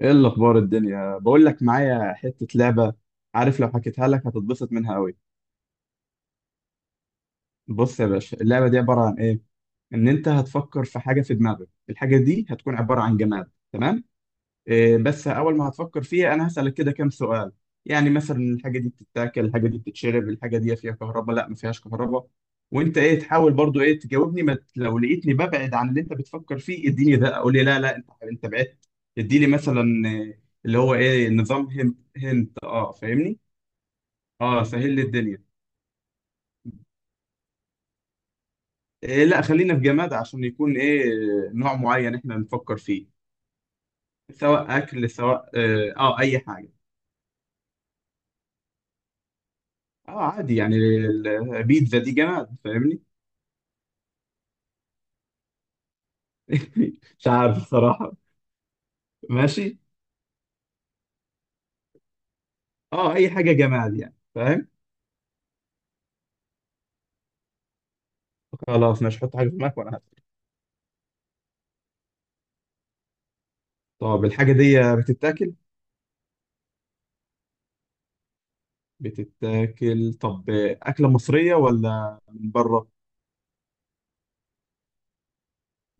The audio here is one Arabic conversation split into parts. ايه الاخبار؟ الدنيا، بقول لك معايا حته لعبه. عارف لو حكيتها لك هتتبسط منها قوي. بص يا باشا، اللعبه دي عباره عن ايه؟ ان انت هتفكر في حاجه في دماغك، الحاجه دي هتكون عباره عن جماد، تمام؟ بس اول ما هتفكر فيها انا هسألك كده كام سؤال. يعني مثلا الحاجه دي بتتاكل، الحاجه دي بتتشرب، الحاجه دي فيها كهرباء لا ما فيهاش كهرباء. وانت ايه تحاول برضو ايه تجاوبني. ما ت- لو لقيتني ببعد عن اللي انت بتفكر فيه اديني ده، قول لي لا لا، انت بعدت. اديني مثلا اللي هو ايه، نظام هند هند، اه، فاهمني. اه سهل لي الدنيا. إيه لا، خلينا في جماد عشان يكون ايه، نوع معين احنا نفكر فيه. سواء اكل سواء اي حاجه. اه عادي، يعني البيتزا دي جماد، فاهمني؟ مش عارف الصراحة. ماشي. اه اي حاجة جماد، يعني فاهم. خلاص ماشي، حط حاجة في دماغك وانا هسأل. طب الحاجة دي بتتاكل؟ بتتاكل، طب أكلة مصرية ولا من بره؟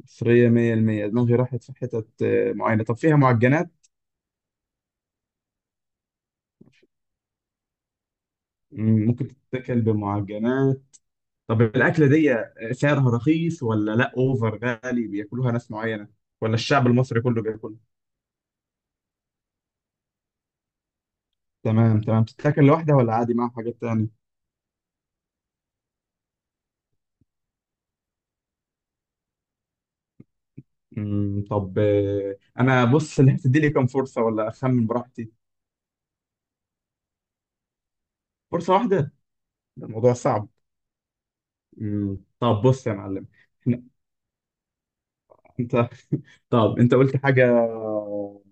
مصرية 100%. دماغي راحت في حتت معينة. طب فيها معجنات؟ ممكن تتاكل بمعجنات. طب الأكلة دي سعرها رخيص ولا لا أوفر؟ غالي بياكلوها ناس معينة، ولا الشعب المصري كله بياكلها؟ تمام تمام. بتتاكل لوحدها ولا عادي معاها حاجات تانية؟ طب آه، انا بص، اللي هتدي لي كام فرصه ولا اخمن براحتي؟ فرصه واحده. ده الموضوع صعب. طب بص يا معلم. إحنا- انت، طب انت قلت حاجه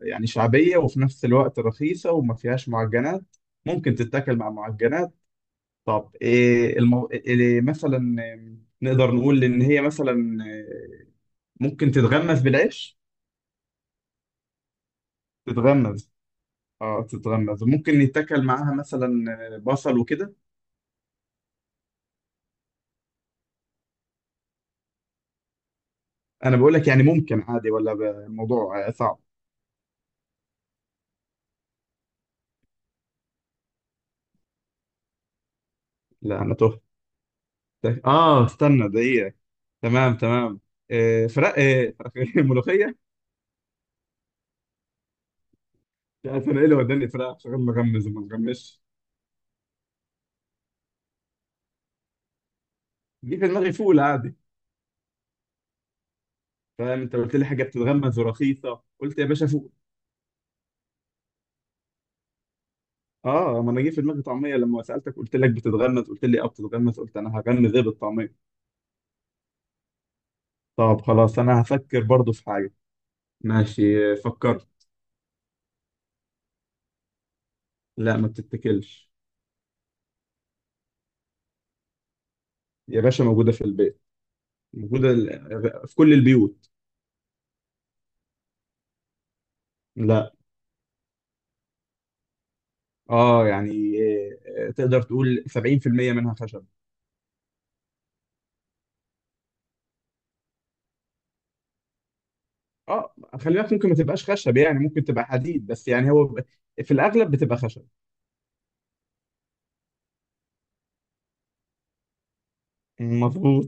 يعني شعبيه وفي نفس الوقت رخيصه، وما فيهاش معجنات، ممكن تتاكل مع معجنات. طب إيه مثلا؟ آه، نقدر نقول ان هي مثلا آه، ممكن تتغمس بالعيش. تتغمس، اه تتغمز، ممكن يتاكل معاها مثلا بصل وكده. انا بقول لك يعني ممكن عادي ولا الموضوع صعب؟ لا انا تهت. اه استنى دقيقة. تمام تمام. آه فراخ، آه فراخ، إيه؟ ملوخية. مش عارف انا ايه اللي وداني فراخ، شغال بغمز وما بغمزش. جه في دماغي فول عادي. فاهم، انت قلت لي حاجة بتتغمز ورخيصة، قلت يا باشا فول. اه ما انا جه في دماغي طعمية، لما سألتك قلت لك بتتغمز، قلت لي اه بتتغمز، قلت انا هغمز ايه بالطعمية. طب خلاص، انا هفكر برضو في حاجة. ماشي فكرت. لا ما بتتاكلش. يا باشا موجودة في البيت. موجودة في كل البيوت. لا. اه يعني تقدر تقول 70% منها خشب. اه خلي بالك، ممكن ما تبقاش خشب، يعني ممكن تبقى حديد بس، يعني هو في الأغلب بتبقى خشب. مظبوط.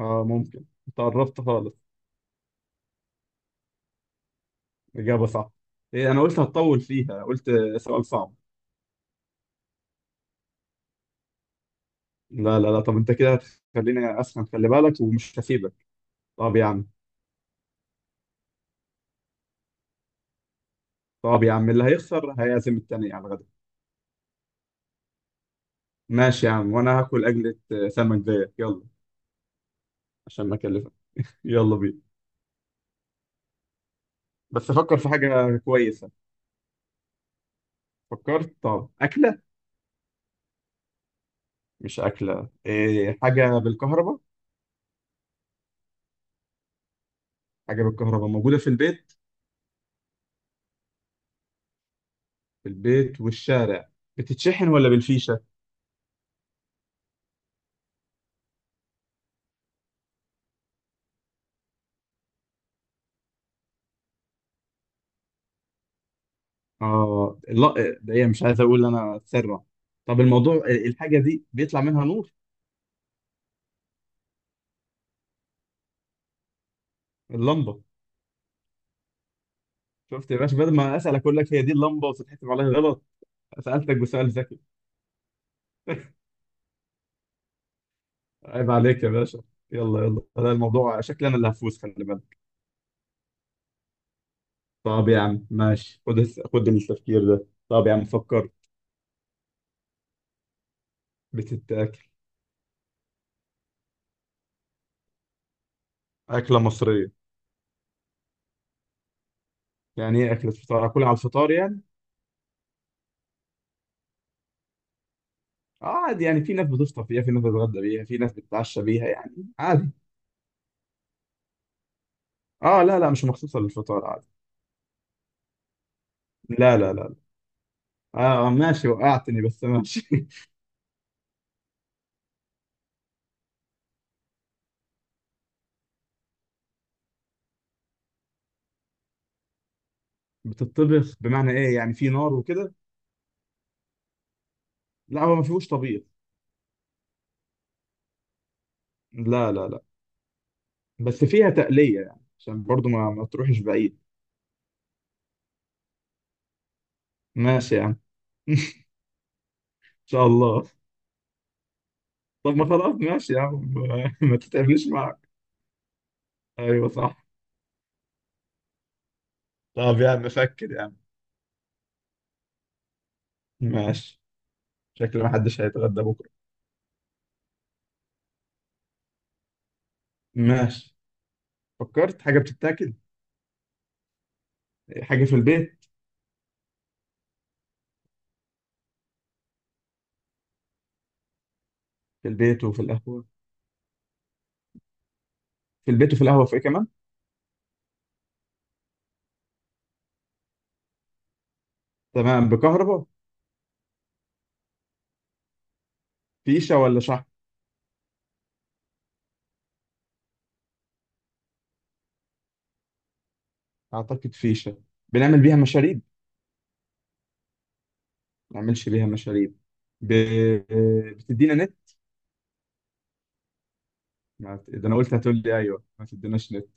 اه ممكن، انت قربت خالص. إجابة صح. إيه، أنا قلت هتطول فيها، قلت. سؤال صعب. لا لا لا، طب أنت كده هتخليني أسخن، خلي بالك ومش هسيبك. طب يا عم، طب يا عم، اللي هيخسر هيعزم التاني على الغدا. ماشي يا عم، وانا هاكل اكلة سمك زيك، يلا. عشان ما اكلفك. يلا بينا. بس افكر في حاجة كويسة. فكرت، طب اكلة؟ مش اكلة، إيه، حاجة بالكهرباء. حاجة بالكهرباء موجودة في البيت. في البيت والشارع. بتتشحن ولا بالفيشة؟ اه لا، ده مش عايز اقول انا اتسرع. طب الموضوع الحاجة دي بيطلع منها نور. اللمبة. شفت يا باشا بدل ما اسالك اقول لك هي دي اللمبة وتتحسب عليها غلط. سالتك بسؤال ذكي. عيب عليك يا باشا. يلا يلا، ده الموضوع شكلي انا اللي هفوز، خلي بالك. طب يا عم ماشي، خد خد التفكير ده. طب يا عم فكر. بتتاكل. اكله مصريه. يعني ايه اكله فطار، اكلها على الفطار يعني؟ آه عادي، يعني في ناس بتفطر فيها، في ناس بتتغدى بيها، في ناس بتتعشى بيها، يعني عادي. اه لا لا، مش مخصوصه للفطار عادي. لا لا لا. اه ماشي، وقعتني بس، ماشي. بتطبخ بمعنى ايه يعني، في نار وكده؟ لا هو ما فيهوش طبيخ. لا لا لا، بس فيها تقليه، يعني عشان برضو ما تروحش بعيد. ماشي يا عم. ان شاء الله. طب ما خلاص ماشي يا عم، ما تتعبنيش معك. ايوه صح. طب يا عم فكر يا عم. ماشي. شكل ما حدش هيتغدى بكره. ماشي، فكرت حاجه بتتاكل، حاجه في البيت. في البيت وفي القهوه. في البيت وفي القهوه، في ايه كمان؟ تمام، بكهرباء. فيشه ولا شحن؟ اعتقد فيشه. بنعمل بيها مشاريب؟ ما نعملش بيها مشاريب. ب... بتدينا نت؟ ما ت- ده انا قلت هتقول لي ايوه، ما تديناش نت.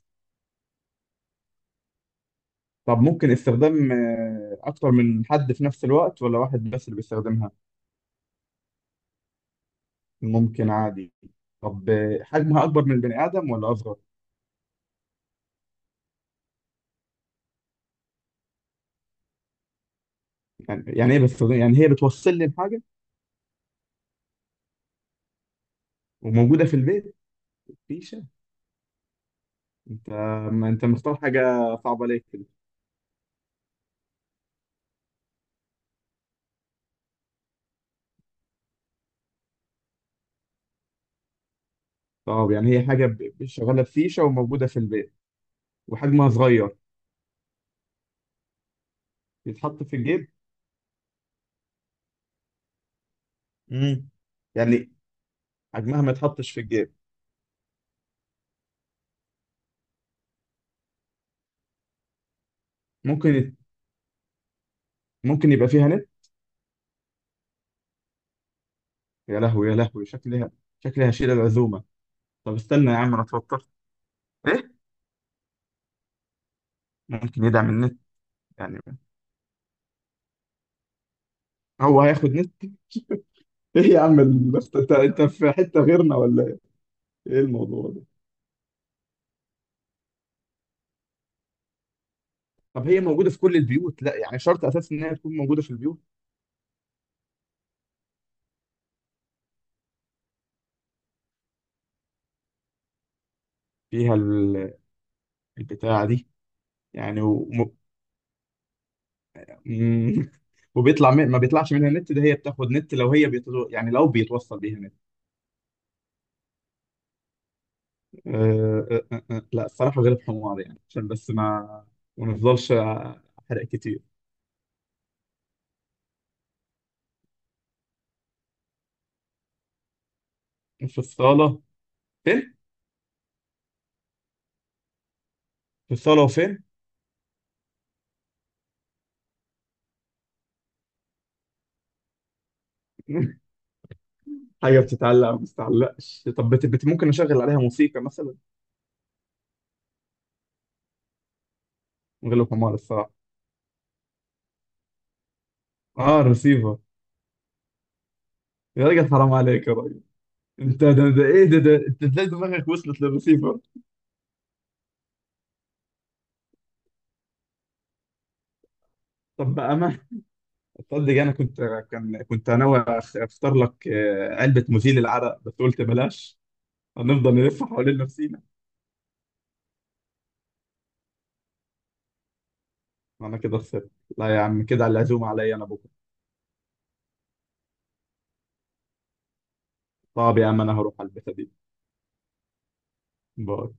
طب ممكن استخدام اكتر من حد في نفس الوقت ولا واحد بس اللي بيستخدمها؟ ممكن عادي. طب حجمها اكبر من البني ادم ولا اصغر؟ يعني ايه بس، يعني هي بتوصل لي الحاجه. وموجوده في البيت. فيشه. انت، ما انت مختار حاجه. صعبه ليه كده؟ طب يعني هي حاجه شغاله بفيشه وموجوده في البيت وحجمها صغير. يتحط في الجيب. امم، يعني حجمها ما يتحطش في الجيب؟ ممكن. ممكن يبقى فيها نت؟ يا لهوي يا لهوي، شكلها، شكلها شيل العزومه. طب استنى يا عم، انا اتوترت. ايه؟ ممكن يدعم النت. يعني هو هياخد نت. ايه يا عم، انت في حته غيرنا ولا ايه؟ إيه الموضوع ده؟ طب هي موجوده في كل البيوت؟ لا يعني شرط اساسي انها تكون موجوده في البيوت. فيها البتاعه دي. يعني وم... مم. ما بيطلعش منها نت، ده هي بتاخد نت، لو هي يعني لو بيتوصل بيها نت. أه... أه... أه... أه. لا الصراحه غير حمار، يعني عشان بس ما نفضلش احرق كتير. في الصاله. فين؟ في الصاله وفين؟ حاجه بتتعلق ما بتتعلقش. طب ممكن اشغل عليها موسيقى مثلا؟ من غير الحمار الصراحه. اه رسيفر. يا راجل حرام عليك يا راجل. انت ده ايه؟ ده انت تلاقي دماغك وصلت للرسيفر. طب بأمانة، تصدق انا كنت، كنت ناوي اختار لك علبة مزيل العرق بس قلت بلاش. هنفضل نلف حوالين نفسينا. انا كده خسرت. لا يا عم كده، على العزومة عليا انا بكره. طب يا عم انا هروح على البيت دي. باي.